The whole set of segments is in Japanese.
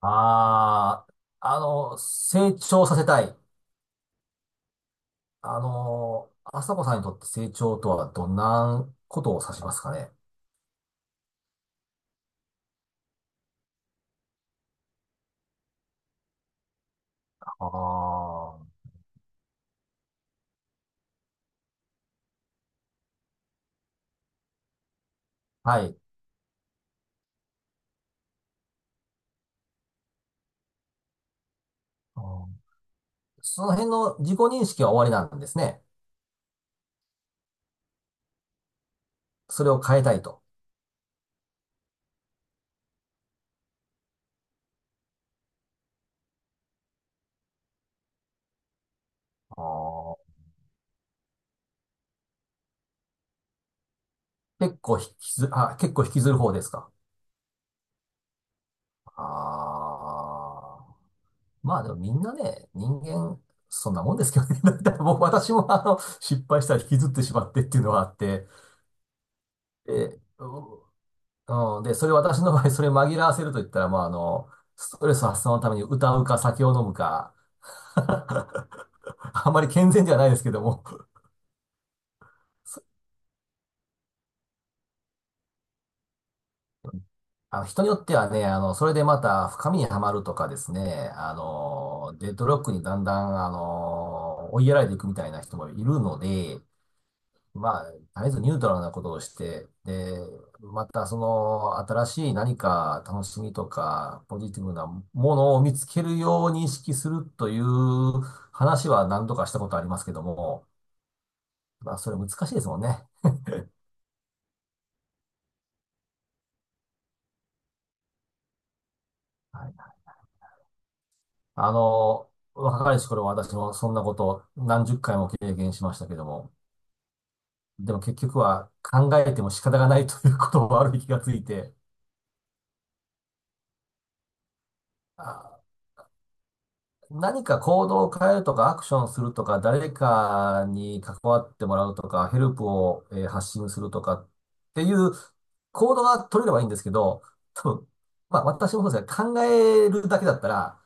ああ、成長させたい。あの、朝子さんにとって成長とはどんなことを指しますかね。ああ、はい。あー、その辺の自己認識は終わりなんですね。それを変えたいと。あー、結構引きずる方ですか。ああ、まあでもみんなね、人間、そんなもんですけどね。だって僕、私もあの、失敗したら引きずってしまってっていうのはあって、えうん、で、それ私の場合、それ紛らわせると言ったら、まあ、あの、ストレス発散のために歌うか酒を飲むか、あんまり健全ではないですけども、あの、人によってはね、あの、それでまた深みにはまるとかですね、あの、デッドロックにだんだん、あの、追いやられていくみたいな人もいるので、まあ、とりあえずニュートラルなことをして、で、またその新しい何か楽しみとかポジティブなものを見つけるように意識するという話は何度かしたことありますけども、まあそれ難しいですもんね。はい、あの、若かりし頃は私もそんなこと何十回も経験しましたけども、でも結局は考えても仕方がないということを悪い気がついて、あ何か行動を変えるとか、アクションするとか、誰かに関わってもらうとか、ヘルプを、発信するとかっていう行動が取れればいいんですけど、多分、まあ私もそうですが、考えるだけだったら、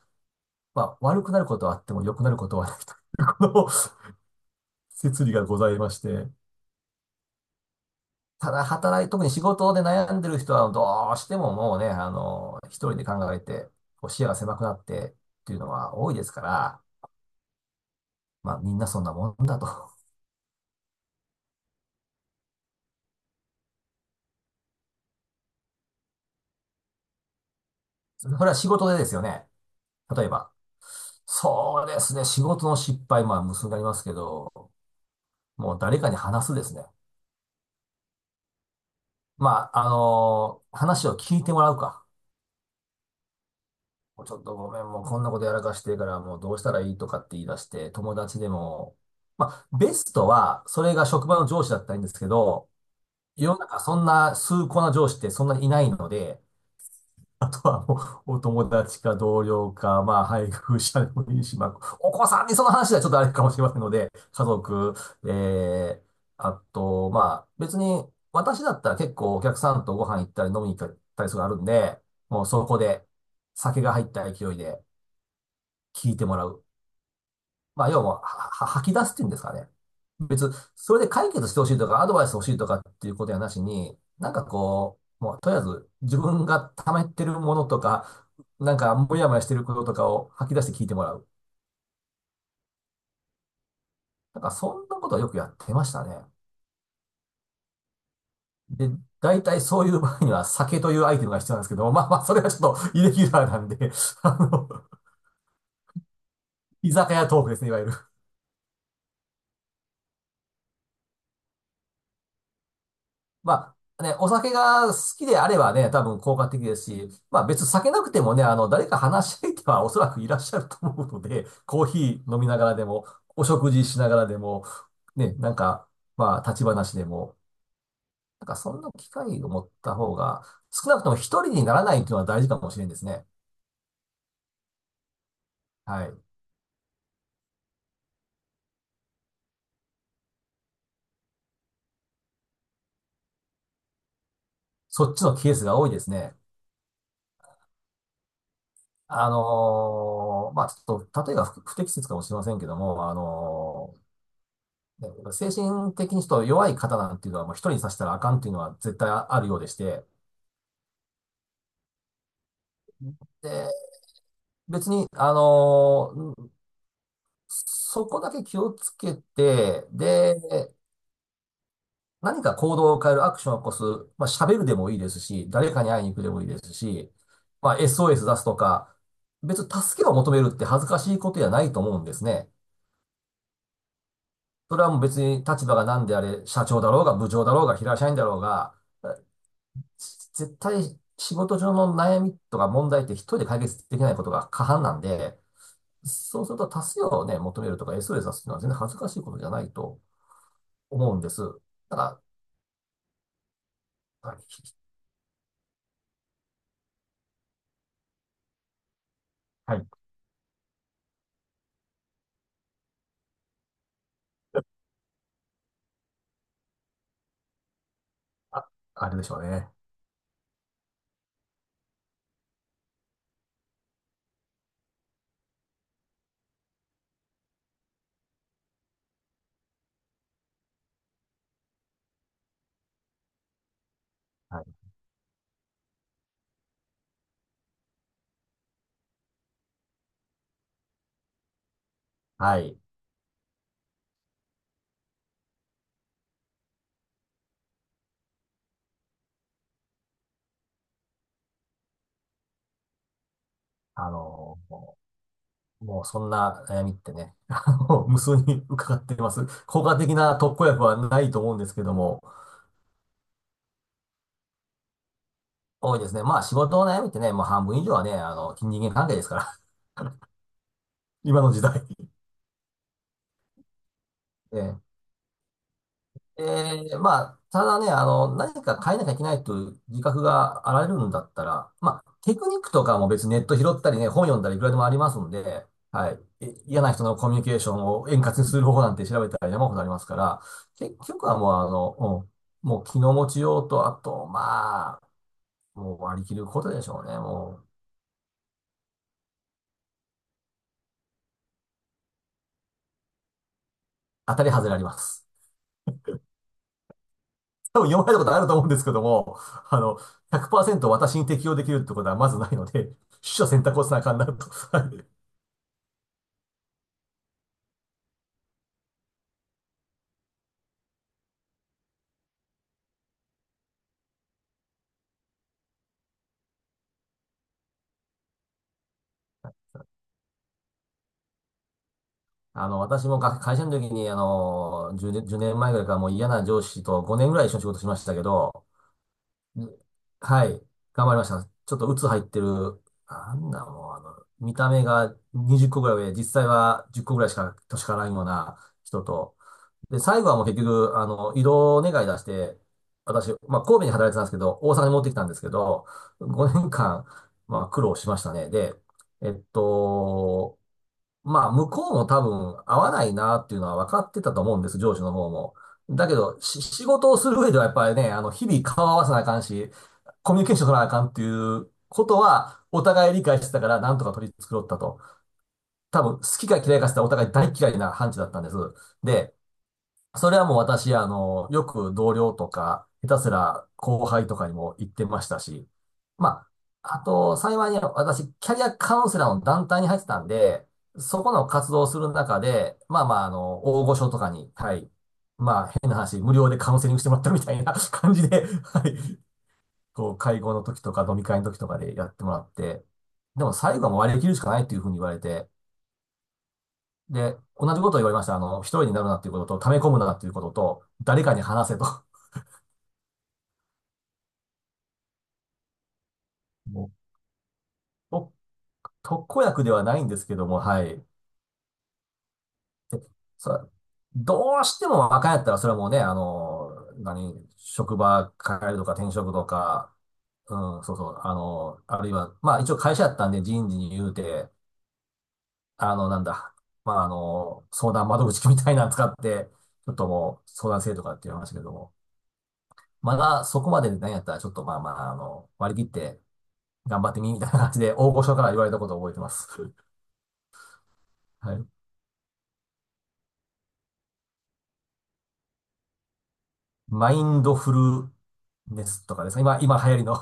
まあ悪くなることはあっても良くなることはないというこの 説理がございまして、ただ働い、特に仕事で悩んでる人はどうしてももうね、あの、一人で考えて、こう視野が狭くなってっていうのは多いですから、まあみんなそんなもんだと。それは仕事でですよね。例えば。そうですね。仕事の失敗、まあ、無数になりますけど、もう誰かに話すですね。まあ、話を聞いてもらうか。もうちょっとごめん、もうこんなことやらかしてるから、もうどうしたらいいとかって言い出して、友達でも、まあ、ベストは、それが職場の上司だったらいいんですけど、世の中そんな崇高な上司ってそんなにいないので、あとはもう、お友達か同僚か、まあ、配偶者でもいいし、まあ、お子さんにその話はちょっとあれかもしれませんので、家族、ええ、あと、まあ、別に、私だったら結構お客さんとご飯行ったり飲みに行ったりするのあるんで、もうそこで酒が入った勢いで聞いてもらう。まあ、要は、吐き出すっていうんですかね。別、それで解決してほしいとか、アドバイス欲しいとかっていうことやなしに、なんかこう、もうとりあえず自分が溜めてるものとか、なんかモヤモヤしてることとかを吐き出して聞いてもらう。なんかそんなことはよくやってましたね。で、大体そういう場合には酒というアイテムが必要なんですけど、まあまあ、それはちょっとイレギュラーなんで、あの、居酒屋トークですね、いわゆる。まあね、お酒が好きであればね、多分効果的ですし、まあ別に酒なくてもね、あの、誰か話し相手はおそらくいらっしゃると思うので、コーヒー飲みながらでも、お食事しながらでも、ね、なんか、まあ立ち話でも、なんかそんな機会を持った方が、少なくとも一人にならないというのは大事かもしれんですね。はい。そっちのケースが多いですね。まあちょっと、例えが不適切かもしれませんけども、ね、やっぱ精神的にちょっと弱い方なんていうのは、もう一人にさせたらあかんっていうのは絶対あるようでして、で、別に、そこだけ気をつけて、で、何か行動を変えるアクションを起こす、まあ、喋るでもいいですし、誰かに会いに行くでもいいですし、まあ、SOS 出すとか、別に助けを求めるって恥ずかしいことじゃないと思うんですね。それはもう別に立場が何であれ、社長だろうが部長だろうが平社員だろうが、え絶対仕事上の悩みとか問題って一人で解決できないことが過半なんで、そうすると多数をね、求めるとか SOS 出すっていうのは全然恥ずかしいことじゃないと思うんです。だから、はい、はい、あ、あれでしょうね。はい。はい。あのももうそんな悩みってね、あの、無数に伺っています。効果的な特効薬はないと思うんですけども、多いですね。まあ仕事の悩みってね、もう半分以上はね、あの、人間関係ですから、今の時代。ええ、ええ、まあ、ただね、あの、何か変えなきゃいけないという自覚があられるんだったら、まあ、テクニックとかも別にネット拾ったりね、本読んだりいくらでもありますんで、はい。嫌な人のコミュニケーションを円滑にする方法なんて調べたら山ほどありますから、結局はもう、もう気の持ちようと、あと、まあ、もう割り切ることでしょうね。もう、当たり外れあります。多分読まれたことあると思うんですけども、あの、100%私に適用できるってことはまずないので、取捨選択をせなあかんなと。あの、私も会社の時に、あの、10年、1年前ぐらいからもう嫌な上司と5年ぐらい一緒に仕事しましたけど、うん、はい、頑張りました。ちょっと鬱入ってる、なんだもう、あの、見た目が20個ぐらい上、実際は10個ぐらいしか年からないような人と、で、最後はもう結局、あの、異動願い出して、私、まあ、神戸に働いてたんですけど、大阪に持ってきたんですけど、5年間、まあ、苦労しましたね。で、えっと、まあ、向こうも多分合わないなっていうのは分かってたと思うんです、上司の方も。だけど、仕事をする上ではやっぱりね、あの、日々顔合わせなあかんし、コミュニケーション取らなあかんっていうことは、お互い理解してたから、なんとか取り繕ったと。多分、好きか嫌いかしたらお互い大嫌いな判事だったんです。で、それはもう私、あの、よく同僚とか、下手すら後輩とかにも言ってましたし、まあ、あと、幸いに私、キャリアカウンセラーの団体に入ってたんで、そこの活動をする中で、まあまあ、あの、大御所とかに、はい、まあ、変な話、無料でカウンセリングしてもらったみたいな 感じで、はい、こう、会合の時とか飲み会の時とかでやってもらって、でも最後はもう割り切るしかないっていうふうに言われて、で、同じことを言われました。あの、一人になるなっていうことと、溜め込むなっていうことと、誰かに話せと。もうと特効薬ではないんですけども、はい。さ、どうしても若いやったら、それはもうね、あの、何、職場変えるとか転職とか、うん、そうそう、あの、あるいは、まあ一応会社やったんで人事に言うて、あの、なんだ、あの、相談窓口みたいなの使って、ちょっともう相談制とかって言いましたけども、まだそこまでで何やったら、ちょっとまあまあ、あの、割り切って頑張ってみ、みたいな感じで、大御所から言われたことを覚えてます。はい。マインドフルネスとかですか、今、今流行りの、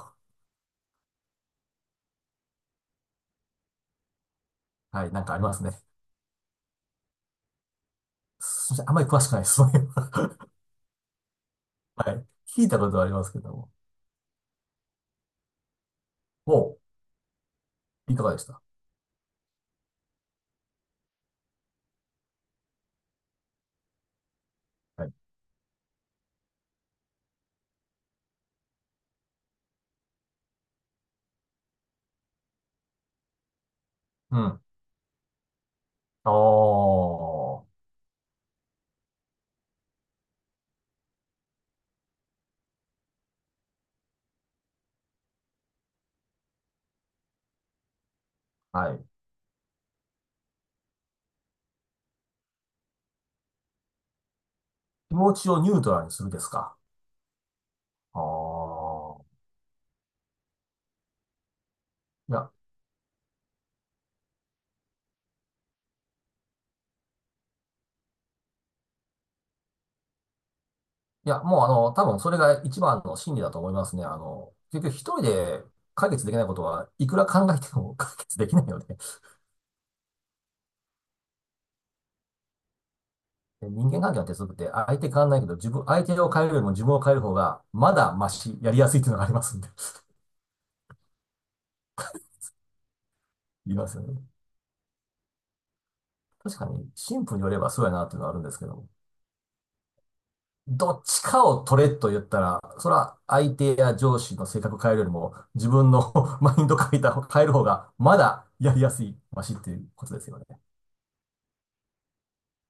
はい、なんかありますね。そしてあんまり詳しくないです。そういうのははい。聞いたことはありますけども。おう、いかがでしたはい。うん。おー、はい。気持ちをニュートラルにするですかあー。いや、いや、もうあの、多分それが一番の真理だと思いますね。あの、結局一人で解決できないことはいくら考えても 解決できないので、人間関係の鉄則って相手変わんないけど、相手を変えるよりも自分を変える方がまだマシ、やりやすいっていうのがありますんで、言いますよね。確かに、神父によればそうやなっていうのはあるんですけども、どっちかを取れと言ったら、それは相手や上司の性格変えるよりも、自分の マインド変えた、変える方がまだやりやすい、マシっていうことですよね。